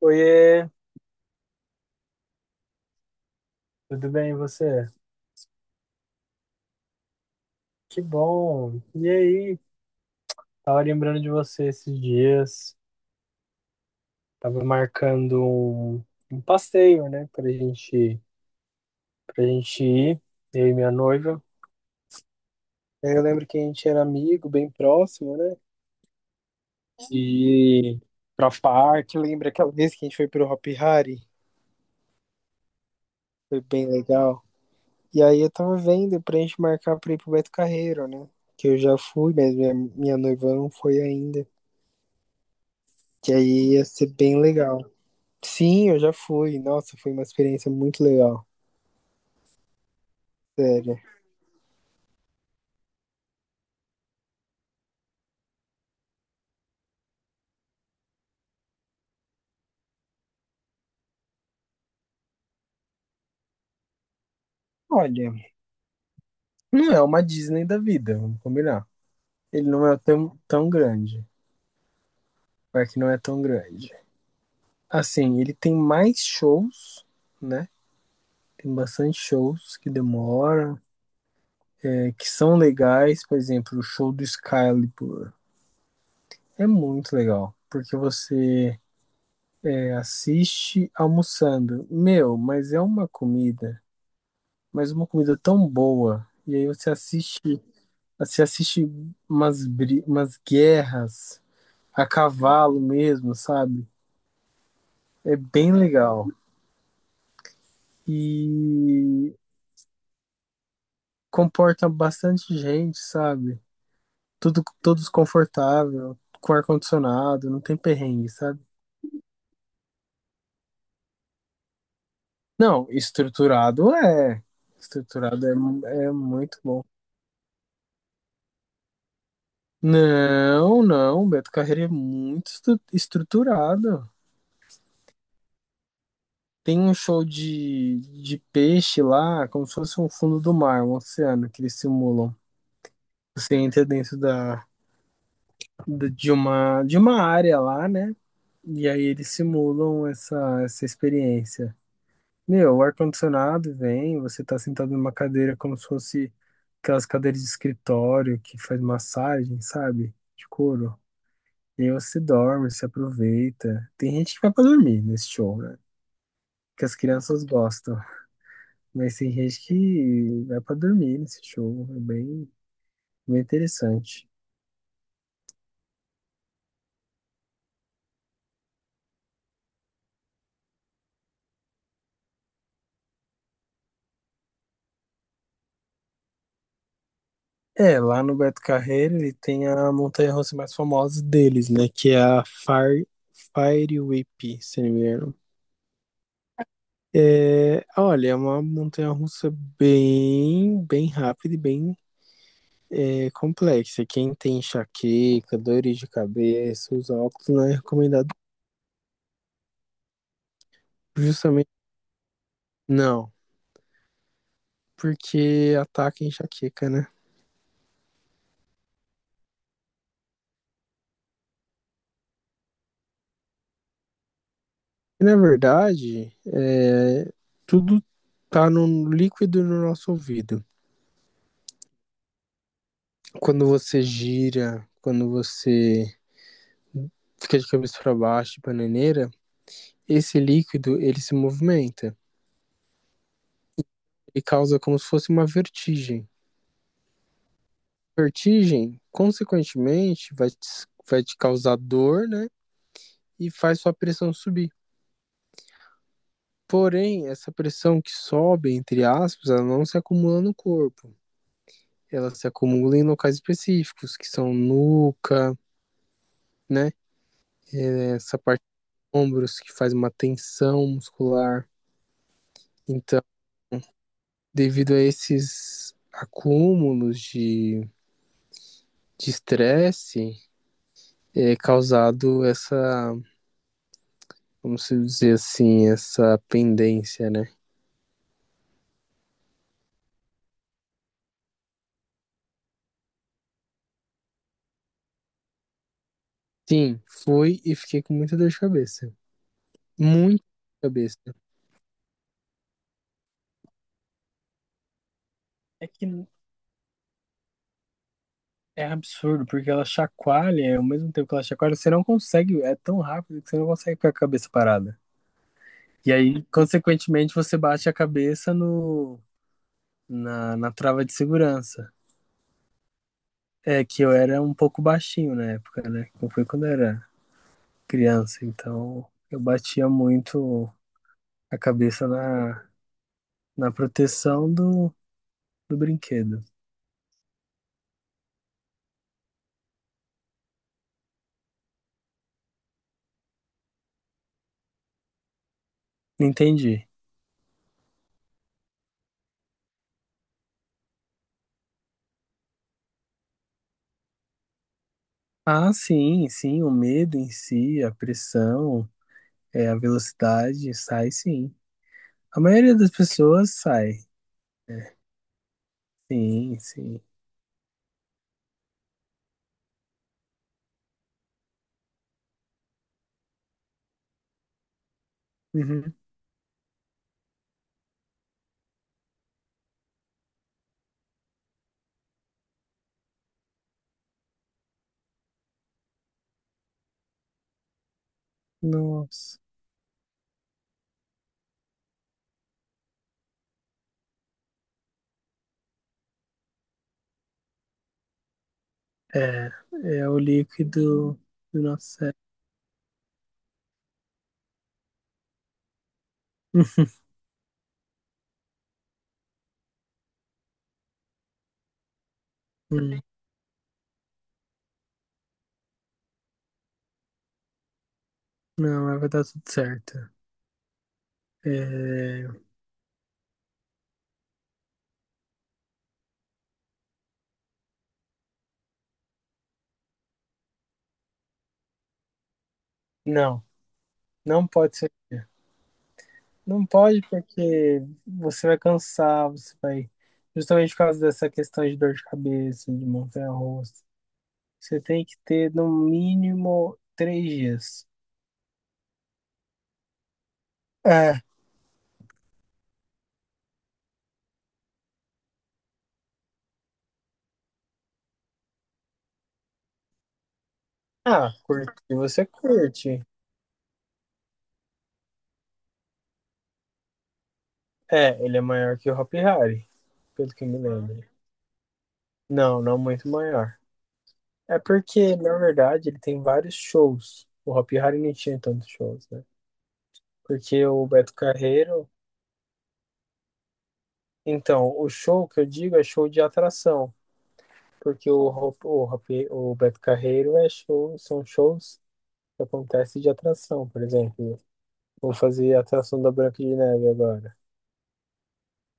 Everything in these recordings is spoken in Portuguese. Oiê, tudo bem e você? Que bom. E aí? Tava lembrando de você esses dias. Tava marcando um passeio, né, pra gente ir, eu e minha noiva. Eu lembro que a gente era amigo, bem próximo, né? E pra parque, lembra aquela vez que a gente foi pro Hopi Hari? Foi bem legal. E aí eu tava vendo pra gente marcar pra ir pro Beto Carreiro, né? Que eu já fui, mas minha noiva não foi ainda. Que aí ia ser bem legal. Sim, eu já fui. Nossa, foi uma experiência muito legal. Sério. Olha, não é uma Disney da vida, vamos combinar. Ele não é tão grande. Vai que não é tão grande. Assim, ele tem mais shows, né? Tem bastante shows que demoram, que são legais. Por exemplo, o show do Excalibur é muito legal. Porque você assiste almoçando. Meu, mas é uma comida, mas uma comida tão boa. E aí você assiste umas, umas guerras a cavalo mesmo, sabe? É bem legal. E comporta bastante gente, sabe? Tudo, todos confortável, com ar-condicionado, não tem perrengue, sabe? Não, estruturado é. Estruturado é, é muito bom. Não, não, Beto Carreiro é muito estruturado. Tem um show de peixe lá, como se fosse um fundo do mar, um oceano que eles simulam. Você entra dentro de uma área lá, né? E aí eles simulam essa experiência. Meu, o ar-condicionado vem, você tá sentado numa cadeira como se fosse aquelas cadeiras de escritório que faz massagem, sabe? De couro. E aí você dorme, se aproveita. Tem gente que vai pra dormir nesse show, né? Que as crianças gostam. Mas tem gente que vai pra dormir nesse show. É bem, bem interessante. É, lá no Beto Carreiro ele tem a montanha-russa mais famosa deles, né? Que é a Fire, Fire Whip, se não me engano. É, olha, é uma montanha-russa bem, bem rápida e bem complexa. Quem tem enxaqueca, dores de cabeça, usa óculos, não é recomendado justamente. Não, porque ataca a enxaqueca, né? Na verdade, tudo tá no líquido no nosso ouvido. Quando você gira, quando você fica de cabeça para baixo, de bananeira, esse líquido ele se movimenta e causa como se fosse uma vertigem. Vertigem, consequentemente, vai te causar dor, né? E faz sua pressão subir. Porém, essa pressão que sobe, entre aspas, ela não se acumula no corpo. Ela se acumula em locais específicos, que são nuca, né? Essa parte dos ombros que faz uma tensão muscular. Então, devido a esses acúmulos de estresse, é causado essa, como se dizer assim, essa pendência, né? Sim, fui e fiquei com muita dor de cabeça. Muita dor de cabeça. É que é absurdo, porque ela chacoalha, ao mesmo tempo que ela chacoalha, você não consegue, é tão rápido que você não consegue ficar com a cabeça parada. E aí, consequentemente, você bate a cabeça no, na, na trava de segurança. É que eu era um pouco baixinho na época, né? Não Foi quando eu era criança, então eu batia muito a cabeça na proteção do brinquedo. Entendi. Ah, sim, sim, o medo em si, a pressão, a velocidade, sai sim. A maioria das pessoas sai, né? Sim, sim. Uhum. Nossa. É, é o líquido do nosso cérebro. Não, mas vai dar tudo certo. É, não, não pode ser. Não pode porque você vai cansar, você vai. Justamente por causa dessa questão de dor de cabeça, de montanha-russa. Você tem que ter no mínimo 3 dias. É, Ah, curte? Você curte. É, ele é maior que o Hopi Hari, pelo que eu me lembro. Não, não muito maior. É porque, na verdade, ele tem vários shows. O Hopi Hari não tinha tantos shows, né? Porque o Beto Carreiro. Então, o show que eu digo é show de atração, porque o, ro- o, rape- o Beto Carreiro é show, são shows que acontecem de atração, por exemplo. Vou fazer a atração da Branca de Neve agora.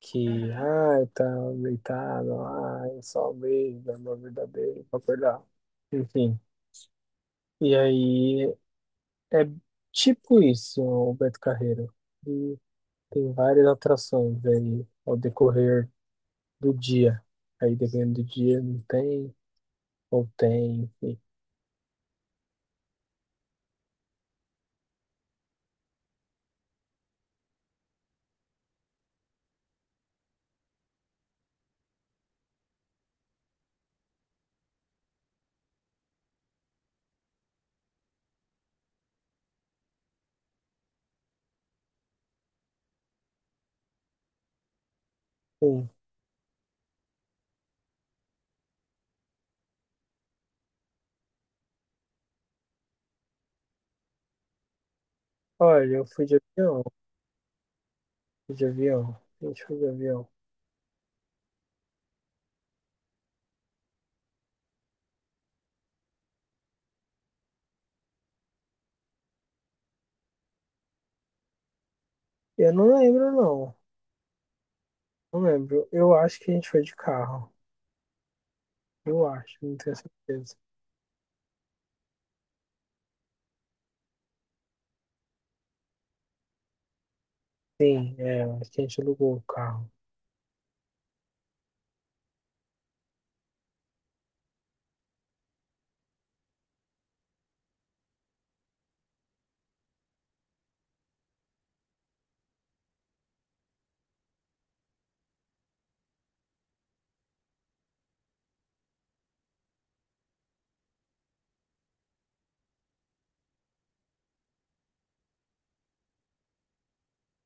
Que, ai, tá deitado, ai, só um beijo, amor verdadeiro, pra acordar. Enfim. E aí, é tipo isso, o Beto Carreiro. E tem várias atrações aí ao decorrer do dia. Aí dependendo do dia, não tem, ou tem, enfim. Sim. Olha, eu fui de avião, a gente foi de avião. Eu não lembro, não, não lembro. Eu acho que a gente foi de carro, eu acho, não tenho certeza. Sim, acho que a gente alugou o carro.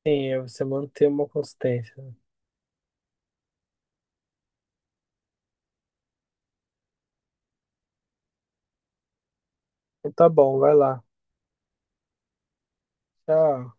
Sim, é você manter uma consistência, né? Então tá bom, vai lá. Tchau.